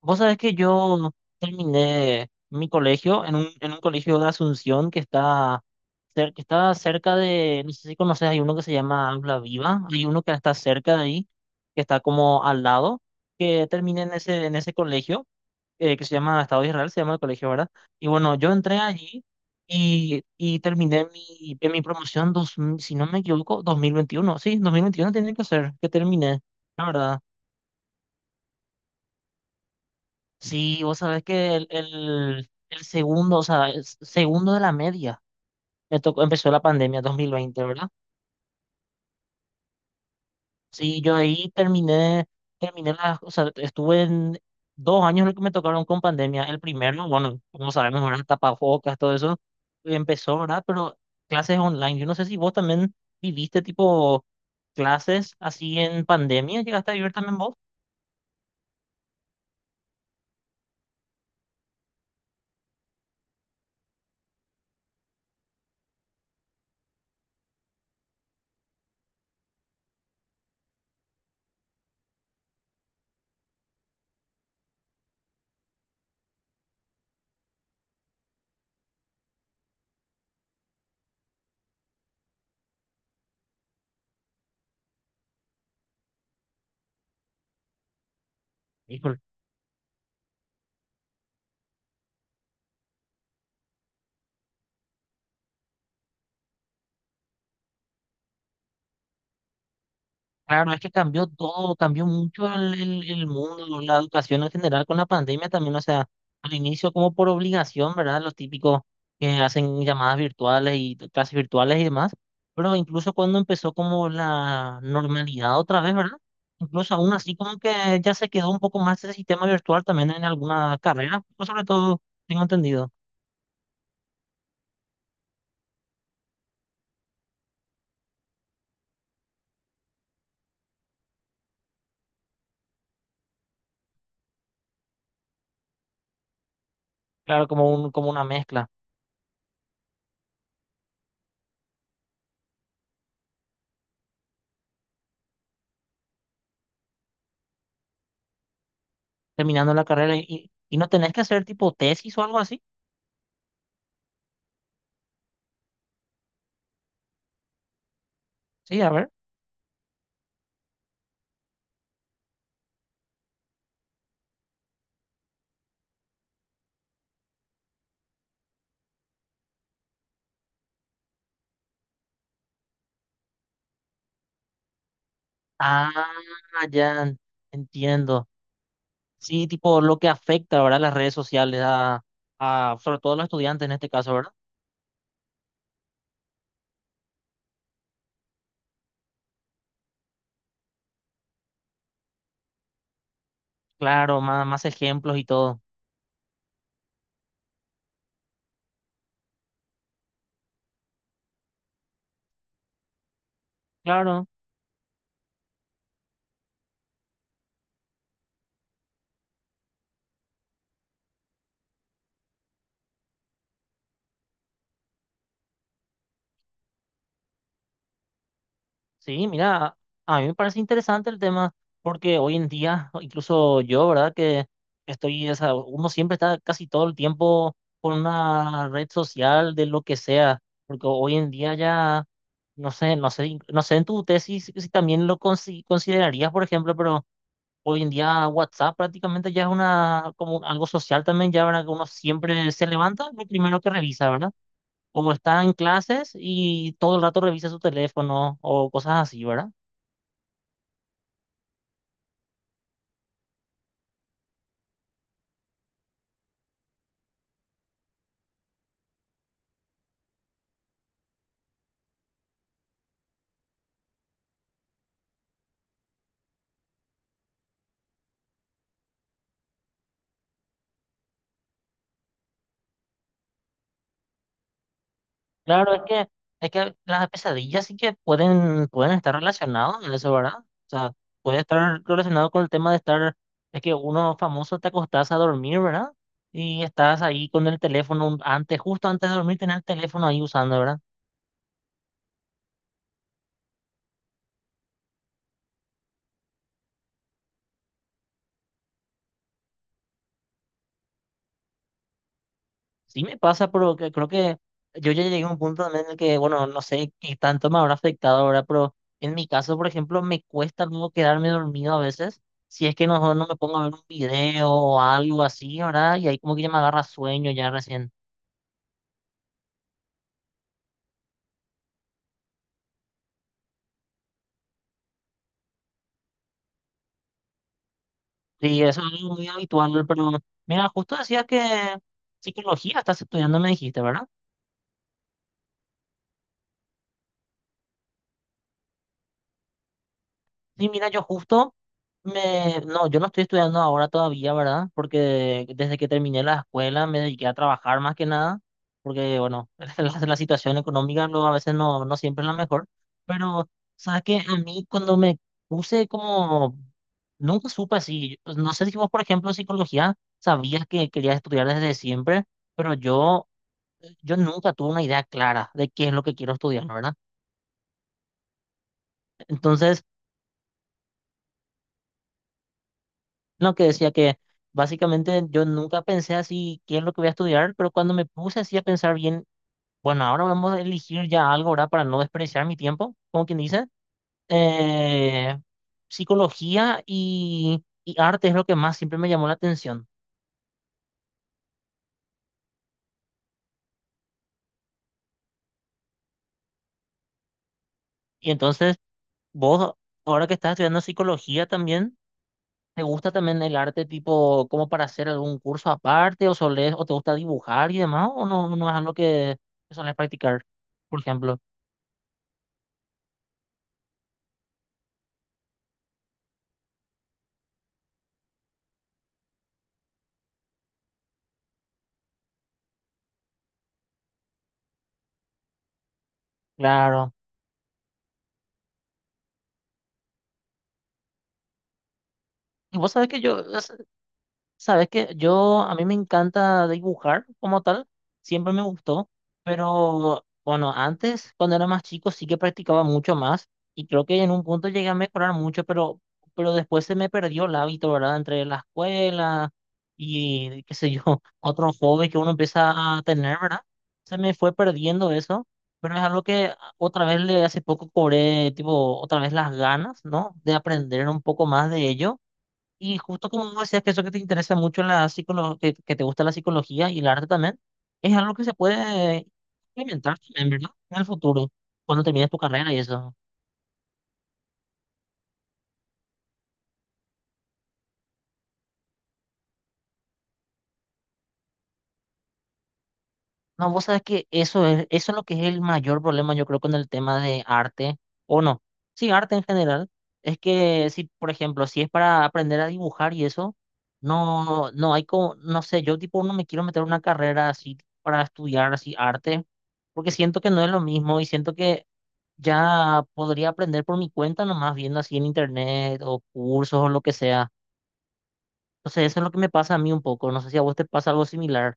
Vos sabés que yo terminé mi colegio en un colegio de Asunción que está, que está cerca de, no sé si conoces, hay uno que se llama Habla Viva, hay uno que está cerca de ahí, que está como al lado, que terminé en ese colegio, que se llama Estado de Israel, se llama el colegio, ¿verdad? Y bueno, yo entré allí y terminé en mi promoción, si no me equivoco, 2021. Sí, 2021 tiene que ser, que terminé, la verdad. Sí, vos sabés que el segundo, o sea, el segundo de la media, me tocó, empezó la pandemia 2020, ¿verdad? Sí, yo ahí terminé, terminé las, o sea, estuve en 2 años los que me tocaron con pandemia. El primero, bueno, como sabemos, eran tapabocas, todo eso, y empezó, ¿verdad? Pero clases online, yo no sé si vos también viviste tipo clases así en pandemia, ¿llegaste a vivir también vos? Claro, es que cambió todo, cambió mucho el mundo, la educación en general con la pandemia también, o sea, al inicio como por obligación, ¿verdad? Los típicos que hacen llamadas virtuales y clases virtuales y demás, pero incluso cuando empezó como la normalidad otra vez, ¿verdad? Incluso aún así como que ya se quedó un poco más ese sistema virtual también en alguna carrera, pues sobre todo, tengo entendido, claro, como como una mezcla, terminando la carrera y no tenés que hacer tipo tesis o algo así, sí, a ver. Ah, ya entiendo. Sí, tipo lo que afecta, ¿verdad? Las redes sociales a sobre todo a los estudiantes en este caso, ¿verdad? Claro, más, más ejemplos y todo. Claro, sí, mira, a mí me parece interesante el tema porque hoy en día, incluso yo, ¿verdad? Que estoy, o sea, uno siempre está casi todo el tiempo con una red social de lo que sea, porque hoy en día ya, no sé en tu tesis si también lo considerarías, por ejemplo, pero hoy en día WhatsApp prácticamente ya es algo social también, ya, ¿verdad? Que uno siempre se levanta, lo primero que revisa, ¿verdad? Como está en clases y todo el rato revisa su teléfono o cosas así, ¿verdad? Claro, es que, las pesadillas sí que pueden estar relacionadas en eso, ¿verdad? O sea, puede estar relacionado con el tema de estar, es que uno famoso te acostás a dormir, ¿verdad? Y estás ahí con el teléfono antes, justo antes de dormir, tener el teléfono ahí usando, ¿verdad? Sí me pasa, pero creo que yo ya llegué a un punto también en el que, bueno, no sé qué tanto me habrá afectado ahora, pero en mi caso, por ejemplo, me cuesta luego quedarme dormido a veces, si es que no me pongo a ver un video o algo así, ¿verdad? Y ahí como que ya me agarra sueño ya recién. Sí, eso es algo muy habitual, pero mira, justo decías que psicología estás estudiando, me dijiste, ¿verdad? Sí, mira, yo no estoy estudiando ahora todavía, ¿verdad? Porque desde que terminé la escuela me dediqué a trabajar más que nada, porque, bueno, la situación económica a veces no siempre es la mejor, pero, ¿sabes qué? A mí cuando me puse como, nunca supe así, pues, no sé si vos, por ejemplo, en psicología, sabías que querías estudiar desde siempre, pero yo nunca tuve una idea clara de qué es lo que quiero estudiar, ¿verdad? Entonces. No, que decía que básicamente yo nunca pensé así qué es lo que voy a estudiar, pero cuando me puse así a pensar bien, bueno, ahora vamos a elegir ya algo, ¿verdad? Para no desperdiciar mi tiempo, como quien dice. eh, psicología y arte es lo que más siempre me llamó la atención. Y entonces, vos, ahora que estás estudiando psicología también, ¿te gusta también el arte tipo como para hacer algún curso aparte o solés, o te gusta dibujar y demás, o no es algo que solés practicar, por ejemplo? Claro. Y vos sabés que yo, a mí me encanta dibujar como tal, siempre me gustó, pero bueno, antes, cuando era más chico, sí que practicaba mucho más y creo que en un punto llegué a mejorar mucho, pero después se me perdió el hábito, ¿verdad? Entre la escuela y, qué sé yo, otro hobby que uno empieza a tener, ¿verdad? Se me fue perdiendo eso, pero es algo que otra vez le hace poco cobré, tipo, otra vez las ganas, ¿no? De aprender un poco más de ello. Y justo como vos decías que eso que te interesa mucho en la psicología, que te gusta la psicología y el arte también, es algo que se puede implementar también, ¿verdad? En el futuro, cuando termines tu carrera y eso. No, vos sabes que eso es lo que es el mayor problema, yo creo, con el tema de arte, o no, sí, arte en general, es que si, por ejemplo, si es para aprender a dibujar y eso, no hay como, no sé, yo tipo no me quiero meter en una carrera así para estudiar así arte, porque siento que no es lo mismo y siento que ya podría aprender por mi cuenta, nomás viendo así en internet o cursos o lo que sea. Entonces, eso es lo que me pasa a mí un poco. No sé si a vos te pasa algo similar.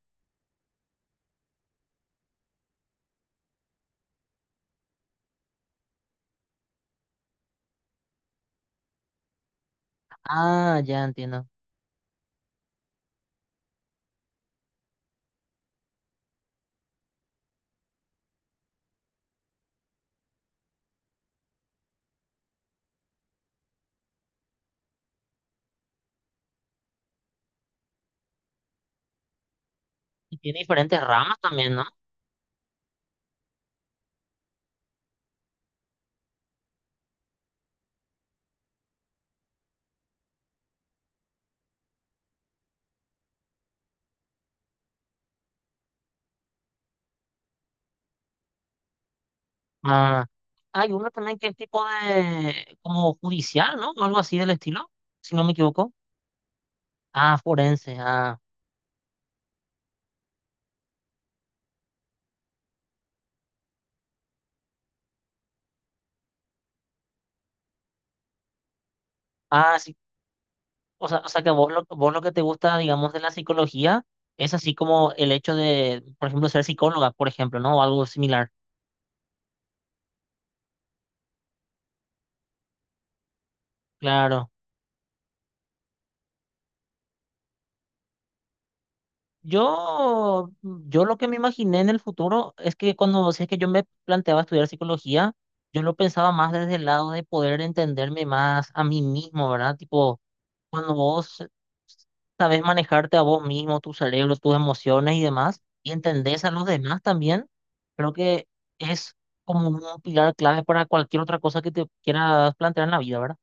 Ah, ya entiendo. Y tiene diferentes ramas también, ¿no? Ah, hay uno también que es tipo de, como judicial, ¿no? O algo así del estilo, si no me equivoco. Ah, forense. Ah, ah, sí. O sea que vos lo que te gusta, digamos, de la psicología es así como el hecho de, por ejemplo, ser psicóloga, por ejemplo, ¿no? O algo similar. Claro. Yo lo que me imaginé en el futuro es que si es que yo me planteaba estudiar psicología, yo lo pensaba más desde el lado de poder entenderme más a mí mismo, ¿verdad? Tipo, cuando vos sabes manejarte a vos mismo, tu cerebro, tus emociones y demás, y entendés a los demás también, creo que es como un pilar clave para cualquier otra cosa que te quieras plantear en la vida, ¿verdad?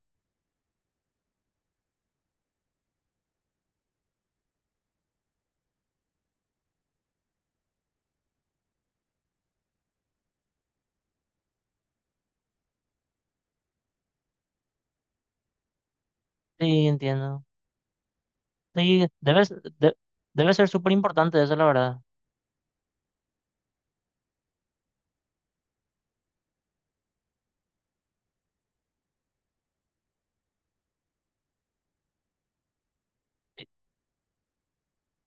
Sí, entiendo. Sí, debe ser súper importante eso, la verdad.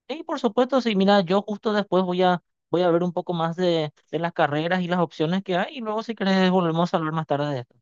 Sí, por supuesto, sí. Mira, yo justo después voy a ver un poco más de las carreras y las opciones que hay y luego si querés volvemos a hablar más tarde de esto.